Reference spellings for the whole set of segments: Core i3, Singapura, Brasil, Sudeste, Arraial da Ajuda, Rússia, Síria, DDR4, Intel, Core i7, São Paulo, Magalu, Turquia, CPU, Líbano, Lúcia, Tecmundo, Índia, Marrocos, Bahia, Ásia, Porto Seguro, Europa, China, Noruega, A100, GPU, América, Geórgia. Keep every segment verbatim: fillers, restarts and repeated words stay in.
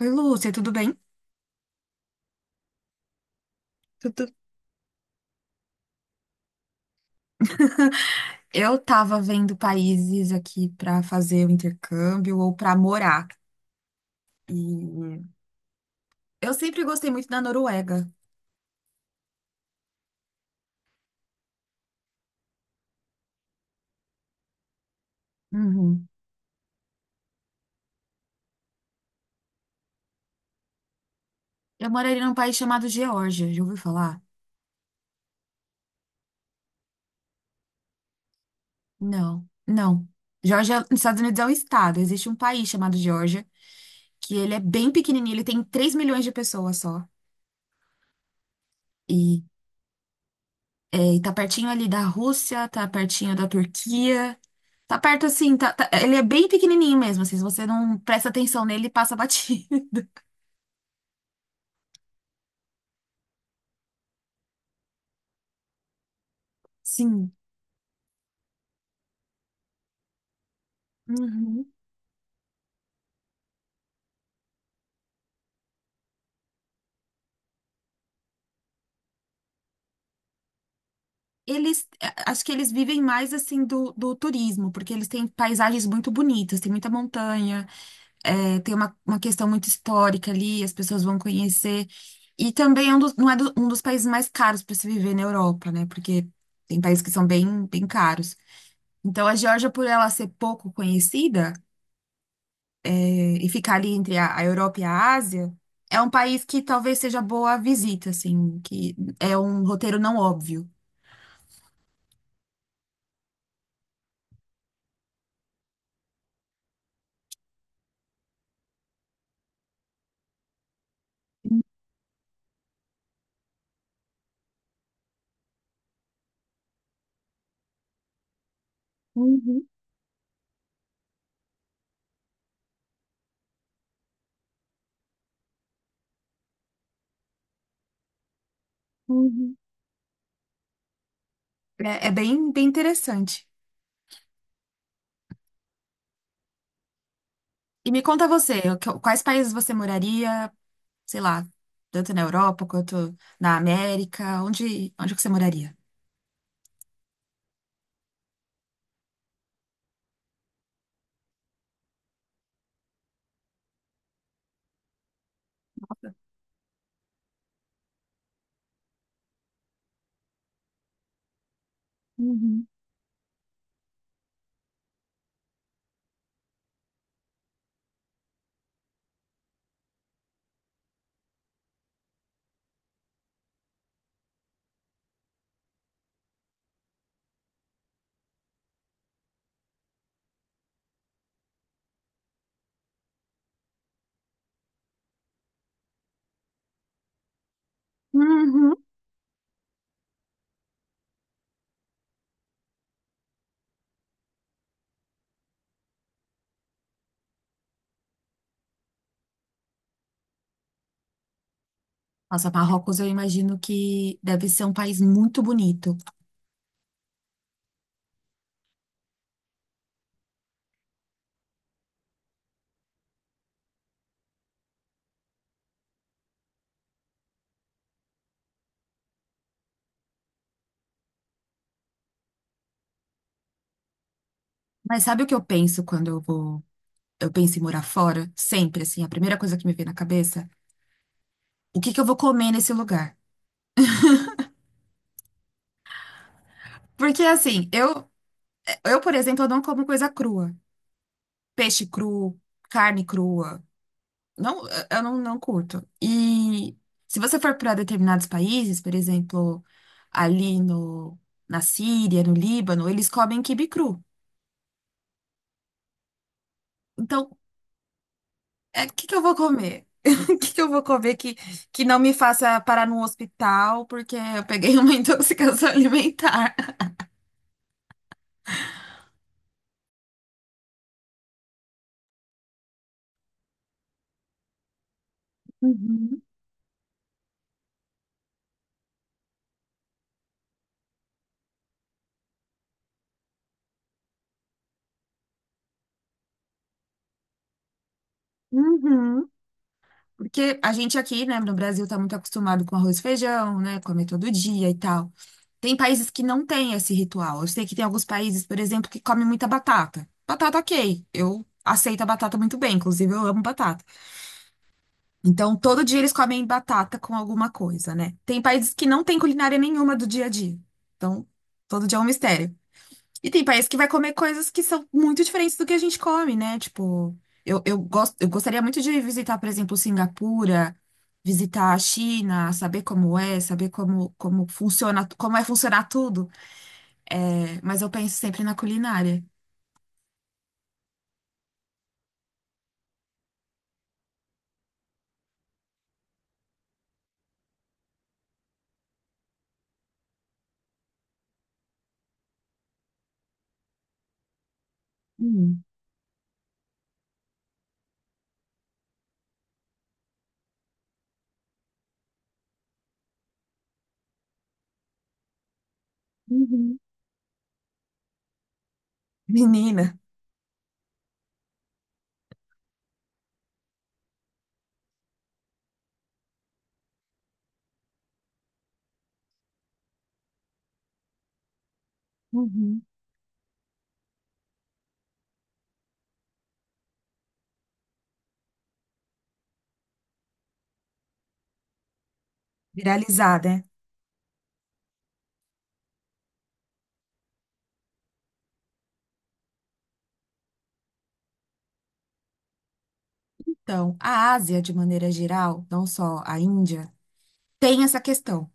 Oi, Lúcia, tudo bem? Tudo. Eu tava vendo países aqui pra fazer o intercâmbio ou pra morar. E eu sempre gostei muito da Noruega. Uhum. Eu moraria num país chamado Geórgia, já ouviu falar? Não, não. Geórgia, nos Estados Unidos é um estado. Existe um país chamado Geórgia, que ele é bem pequenininho, ele tem três milhões de pessoas só. E é, e tá pertinho ali da Rússia, tá pertinho da Turquia. Tá perto assim, tá- tá- ele é bem pequenininho mesmo, assim, se você não presta atenção nele, passa batido. Sim. Uhum. Eles, é, acho que eles vivem mais assim do, do turismo, porque eles têm paisagens muito bonitas, tem muita montanha, é, tem uma, uma questão muito histórica ali, as pessoas vão conhecer. E também é um dos, não é do- um dos países mais caros para se viver na Europa, né? Porque tem países que são bem, bem caros. Então a Geórgia, por ela ser pouco conhecida, e ficar ali entre a, a Europa e a Ásia, é um país que talvez seja boa a visita, assim, que é um roteiro não óbvio. Uhum, uhum. É, é bem, bem interessante. E me conta você, o que- quais países você moraria, sei lá, tanto na Europa quanto na América, onde, onde que você moraria? Uhum. Uhum. Nossa, Marrocos eu imagino que deve ser um país muito bonito. Mas sabe o que eu penso quando eu vou, eu penso em morar fora? Sempre, assim, a primeira coisa que me vem na cabeça. O que que eu vou comer nesse lugar? Porque assim, eu, eu, por exemplo, eu não como coisa crua. Peixe cru, carne crua. Não, eu não, não curto. E se você for para determinados países, por exemplo, ali no, na Síria, no Líbano, eles comem quibe cru. Então, é, o que que eu vou comer? O que que eu vou comer que, que não me faça parar num hospital porque eu peguei uma intoxicação alimentar? Uhum, uhum. Porque a gente aqui, né, no Brasil tá muito acostumado com arroz e feijão, né, comer todo dia e tal. Tem países que não têm esse ritual. Eu sei que tem alguns países, por exemplo, que comem muita batata. Batata, ok. Eu aceito a batata muito bem, inclusive eu amo batata. Então, todo dia eles comem batata com alguma coisa, né? Tem países que não têm culinária nenhuma do dia a dia. Então, todo dia é um mistério. E tem país que vai comer coisas que são muito diferentes do que a gente come, né? Tipo, eu, eu gosto, eu gostaria muito de visitar, por exemplo, Singapura, visitar a China, saber como é, saber como, como funciona, como é funcionar tudo. É, mas eu penso sempre na culinária. Hum, Uhum, menina, uhum, viralizar, né? Então, a Ásia, de maneira geral, não só a Índia, tem essa questão,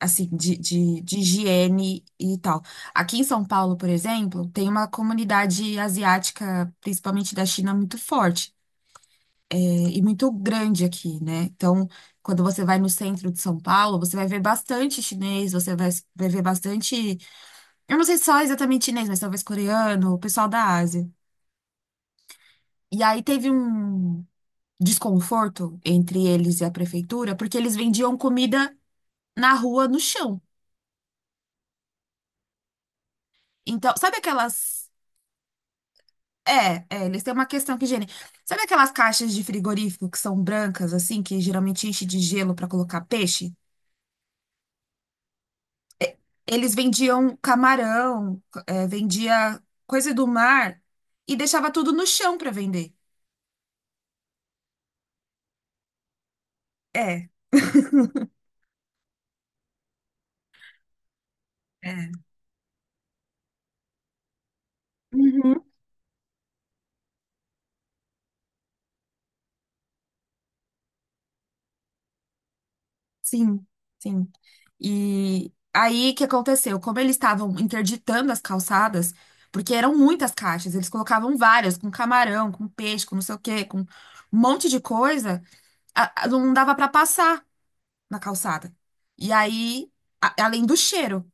assim, de, de, de higiene e tal. Aqui em São Paulo, por exemplo, tem uma comunidade asiática, principalmente da China, muito forte, é, e muito grande aqui, né? Então, quando você vai no centro de São Paulo, você vai ver bastante chinês, você vai, vai ver bastante. Eu não sei se só exatamente chinês, mas talvez coreano, o pessoal da Ásia. E aí teve um desconforto entre eles e a prefeitura, porque eles vendiam comida na rua, no chão. Então, sabe aquelas, é, é, eles têm uma questão que higiene. Sabe aquelas caixas de frigorífico que são brancas, assim, que geralmente enche de gelo para colocar peixe? Eles vendiam camarão, é, vendia coisa do mar e deixava tudo no chão para vender. É, é. Uhum. Sim, sim. E aí o que aconteceu? Como eles estavam interditando as calçadas, porque eram muitas caixas, eles colocavam várias, com camarão, com peixe, com não sei o quê, com um monte de coisa. A- a- não dava pra passar na calçada. E aí, a- além do cheiro,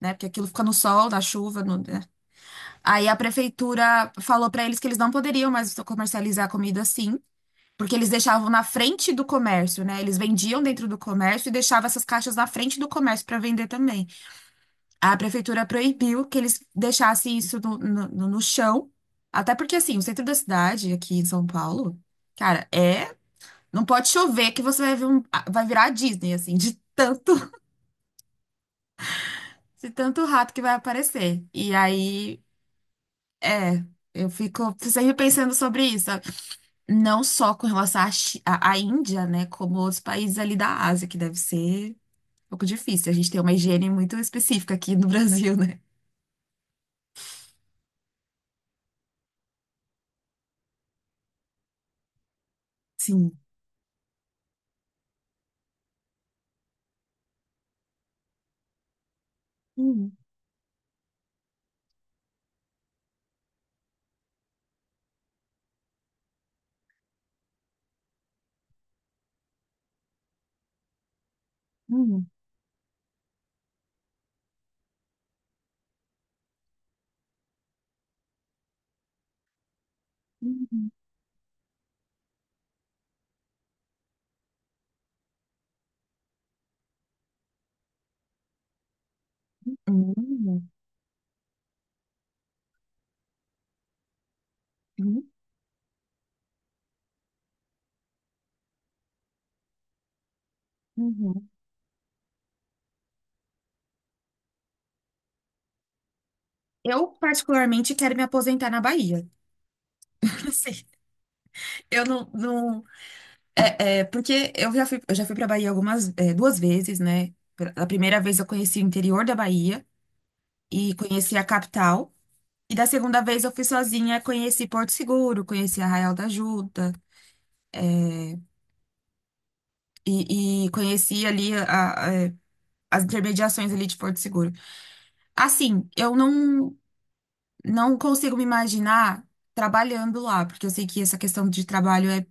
né? Porque aquilo fica no sol, na chuva, no- né? Aí a prefeitura falou pra eles que eles não poderiam mais comercializar comida assim, porque eles deixavam na frente do comércio, né? Eles vendiam dentro do comércio e deixavam essas caixas na frente do comércio pra vender também. A prefeitura proibiu que eles deixassem isso no, no no- no chão, até porque assim, o centro da cidade, aqui em São Paulo, cara, é não pode chover que você vai ver um, ah, vai virar a Disney, assim, de tanto, de tanto rato que vai aparecer. E aí, é, eu fico sempre pensando sobre isso, sabe? Não só com relação à, Chi- à- à Índia, né, como outros países ali da Ásia, que deve ser um pouco difícil. A gente tem uma higiene muito específica aqui no Brasil, né? Sim. Hum, hum, hum, hum, hum, hum, hum. Eu, particularmente, quero me aposentar na Bahia. Não sei. Eu não, não É, é, porque eu já fui, eu já fui para Bahia algumas, é, duas vezes, né? A primeira vez eu conheci o interior da Bahia e conheci a capital. E da segunda vez eu fui sozinha, conheci Porto Seguro, conheci Arraial da Ajuda e, e conheci ali a- a- é, as intermediações ali de Porto Seguro. Assim, eu não, não consigo me imaginar trabalhando lá, porque eu sei que essa questão de trabalho é,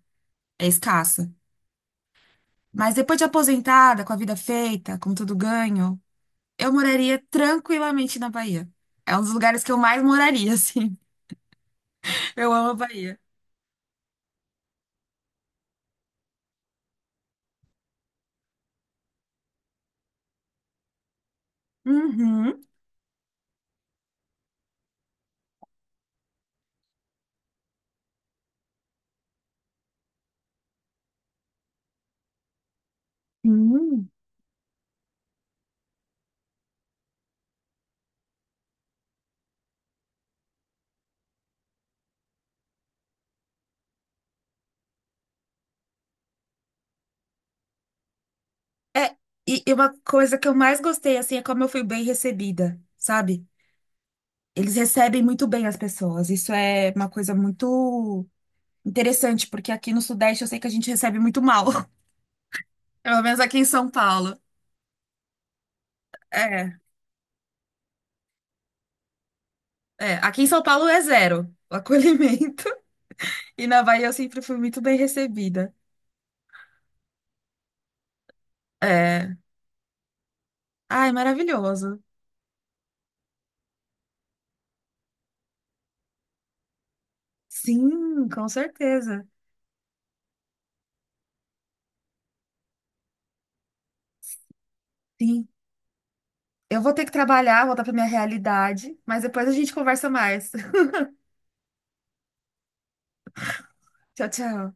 é escassa. Mas depois de aposentada, com a vida feita, com tudo ganho. Eu moraria tranquilamente na Bahia. É um dos lugares que eu mais moraria, assim. Eu amo a Bahia. Uhum. Hum. É, e e uma coisa que eu mais gostei, assim, é como eu fui bem recebida, sabe? Eles recebem muito bem as pessoas. Isso é uma coisa muito interessante, porque aqui no Sudeste eu sei que a gente recebe muito mal. Pelo menos aqui em São Paulo. É, é. Aqui em São Paulo é zero o acolhimento. E na Bahia eu sempre fui muito bem recebida. É. Ai, maravilhoso. Sim, com certeza. Sim. Eu vou ter que trabalhar, voltar para minha realidade, mas depois a gente conversa mais. Tchau, tchau.